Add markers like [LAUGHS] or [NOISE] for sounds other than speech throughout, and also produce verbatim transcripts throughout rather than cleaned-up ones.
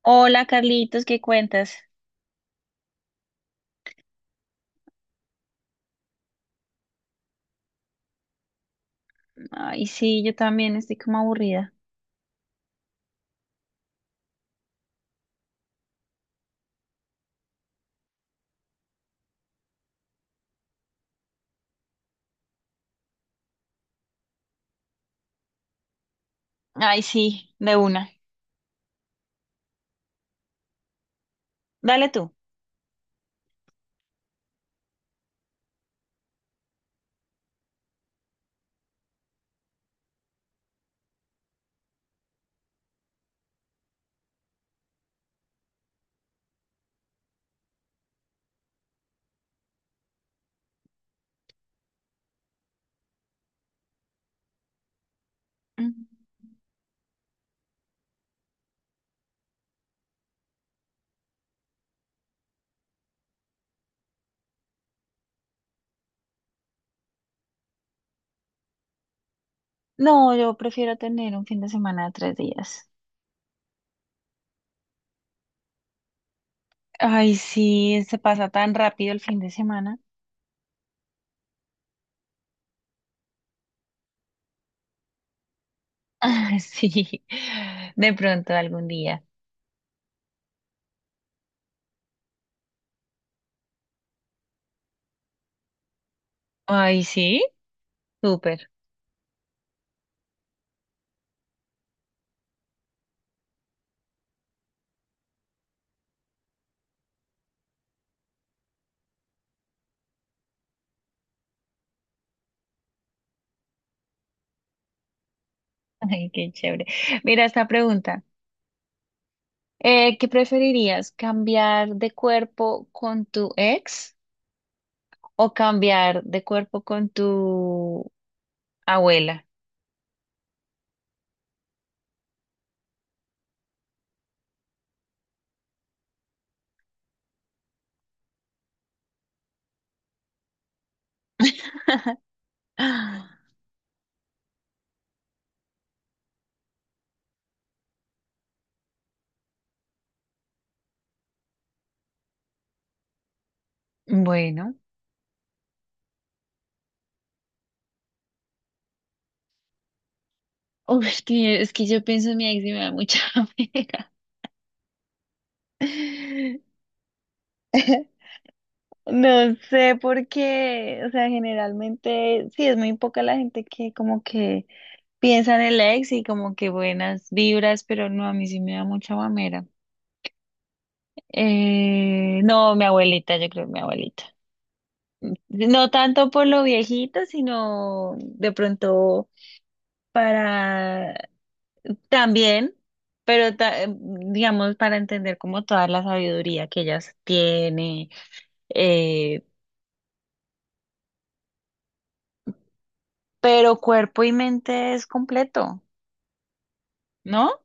Hola Carlitos, ¿qué cuentas? Ay, sí, yo también estoy como aburrida. Ay, sí, de una. Dale tú. Mm. No, yo prefiero tener un fin de semana de tres días. Ay, sí, se pasa tan rápido el fin de semana. [LAUGHS] Ah, sí, de pronto algún día. Ay, sí, súper. [LAUGHS] Ay, qué chévere. Mira esta pregunta. Eh, ¿qué preferirías, cambiar de cuerpo con tu ex o cambiar de cuerpo con tu abuela? [LAUGHS] Ah, Bueno, [LAUGHS] Uf, es que, es que yo pienso en mi ex y me da mucha [LAUGHS] pena. No sé por qué, o sea, generalmente sí es muy poca la gente que como que piensa en el ex y como que buenas vibras, pero no, a mí sí me da mucha mamera. Eh, no, mi abuelita, yo creo que mi abuelita. No tanto por lo viejito, sino de pronto para. También, pero ta- eh, digamos para entender como toda la sabiduría que ellas tiene, eh, pero cuerpo y mente es completo, ¿no?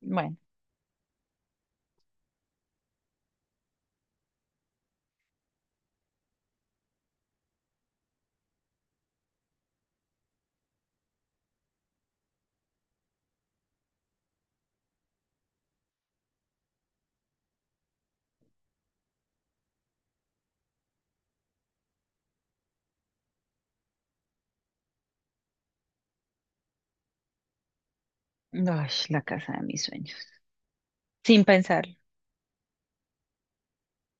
Bueno, ay, la casa de mis sueños, sin pensarlo.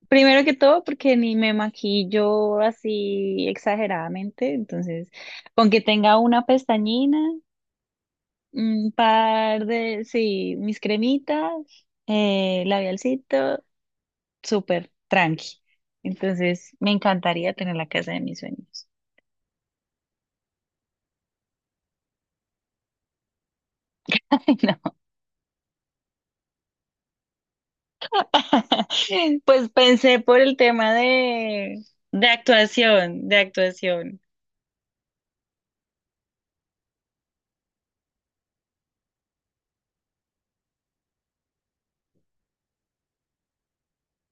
Primero que todo, porque ni me maquillo así exageradamente, entonces, con que tenga una pestañina, un par de, sí, mis cremitas, eh, labialcito. Súper tranqui. Entonces, me encantaría tener la casa de mis sueños. [LAUGHS] Ay, No. [LAUGHS] Pues pensé por el tema de, de actuación, de actuación.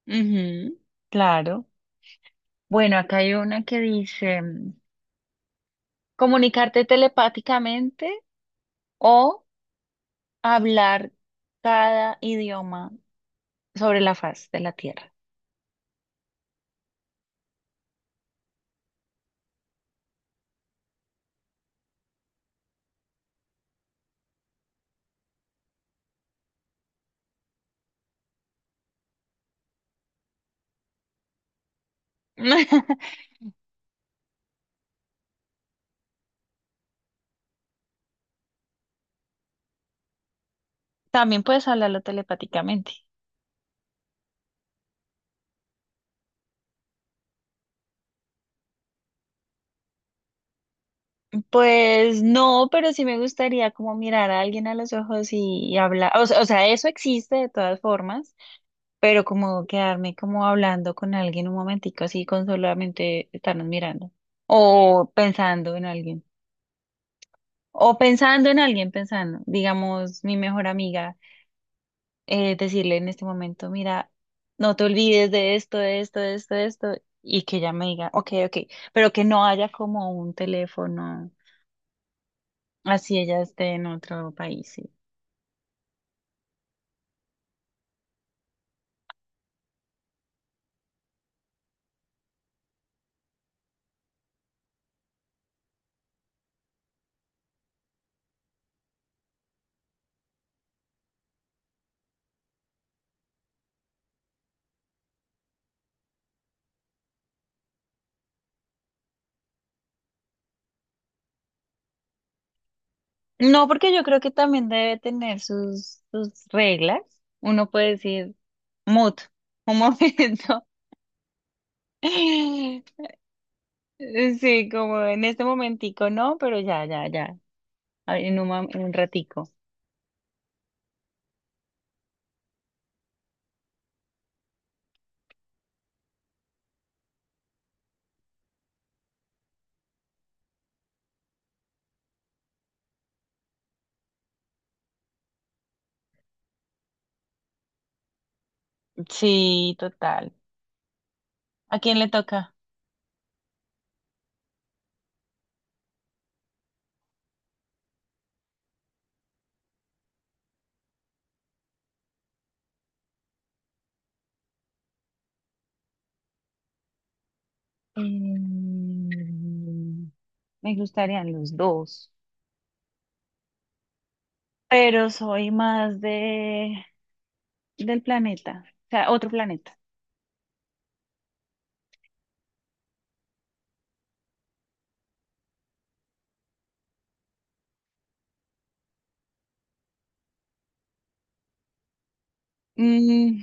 Ujú, claro. Bueno, acá hay una que dice mm, comunicarte telepáticamente o hablar cada idioma sobre la faz de la Tierra. [LAUGHS] También puedes hablarlo telepáticamente. Pues no, pero sí me gustaría como mirar a alguien a los ojos y, y hablar, o sea, o sea, eso existe de todas formas, pero como quedarme como hablando con alguien un momentico así con solamente estarnos mirando o pensando en alguien. O pensando en alguien, pensando, digamos, mi mejor amiga, eh, decirle en este momento, mira, no te olvides de esto, de esto, de esto, de esto, y que ella me diga, ok, ok, pero que no haya como un teléfono. Así ella esté en otro país, sí. No, porque yo creo que también debe tener sus, sus reglas. Uno puede decir, mut, un momento. [LAUGHS] Sí, como en este momentico, no, pero ya, ya, ya. A- En un, mom- en un ratico. Sí, total. ¿A quién le toca? Mm, me gustarían los dos, pero soy más de del planeta, o sea, otro planeta. Mm.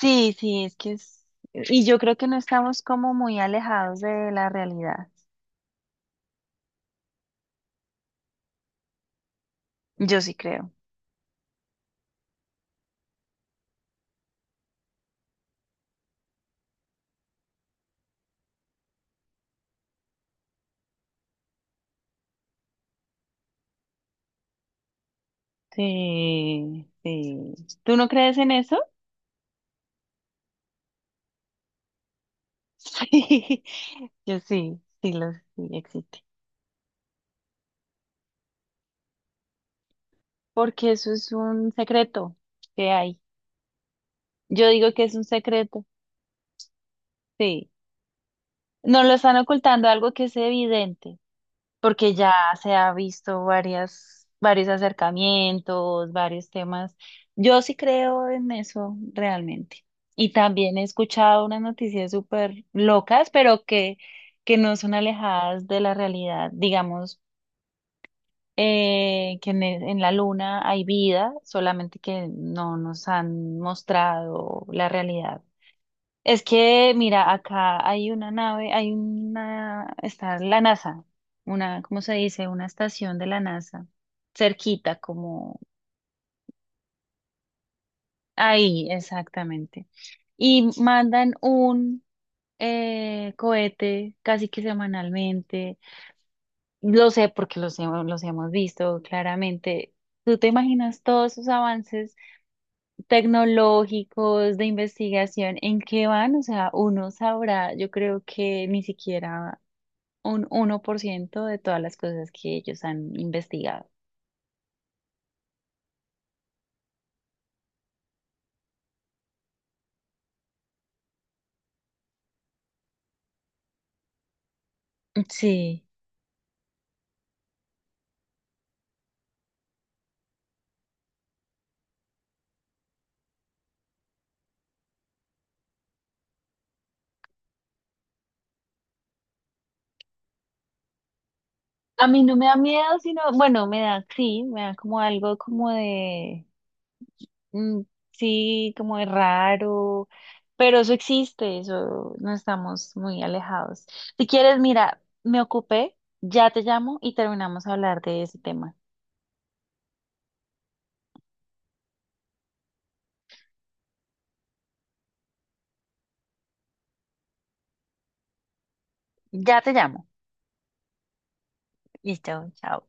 Sí, sí, es que es. Y yo creo que no estamos como muy alejados de la realidad. Yo sí creo. Sí, sí. ¿Tú no crees en eso? [LAUGHS] Sí, yo sí, sí, lo, sí existe. Porque eso es un secreto que hay. Yo digo que es un secreto, sí. No lo están ocultando algo que es evidente. Porque ya se ha visto varias, varios acercamientos, varios temas. Yo sí creo en eso realmente. Y también he escuchado unas noticias súper locas, pero que, que no son alejadas de la realidad. Digamos, eh, que en, el- en la luna hay vida, solamente que no nos han mostrado la realidad. Es que, mira, acá hay una nave, hay una, está la NASA, una, ¿cómo se dice? Una estación de la NASA, cerquita, como ahí, exactamente. Y mandan un eh, cohete casi que semanalmente. Lo sé porque los, hemos- los hemos visto claramente. ¿Tú te imaginas todos esos avances tecnológicos de investigación en qué van? O sea, uno sabrá, yo creo que ni siquiera un uno por ciento de todas las cosas que ellos han investigado. Sí. A mí no me da miedo, sino, bueno, me da, sí, me da como algo como de, mm, sí, como de raro, pero eso existe, eso no estamos muy alejados. Si quieres, mira, me ocupé, ya te llamo y terminamos a hablar de ese tema. Ya te llamo. Listo, chao.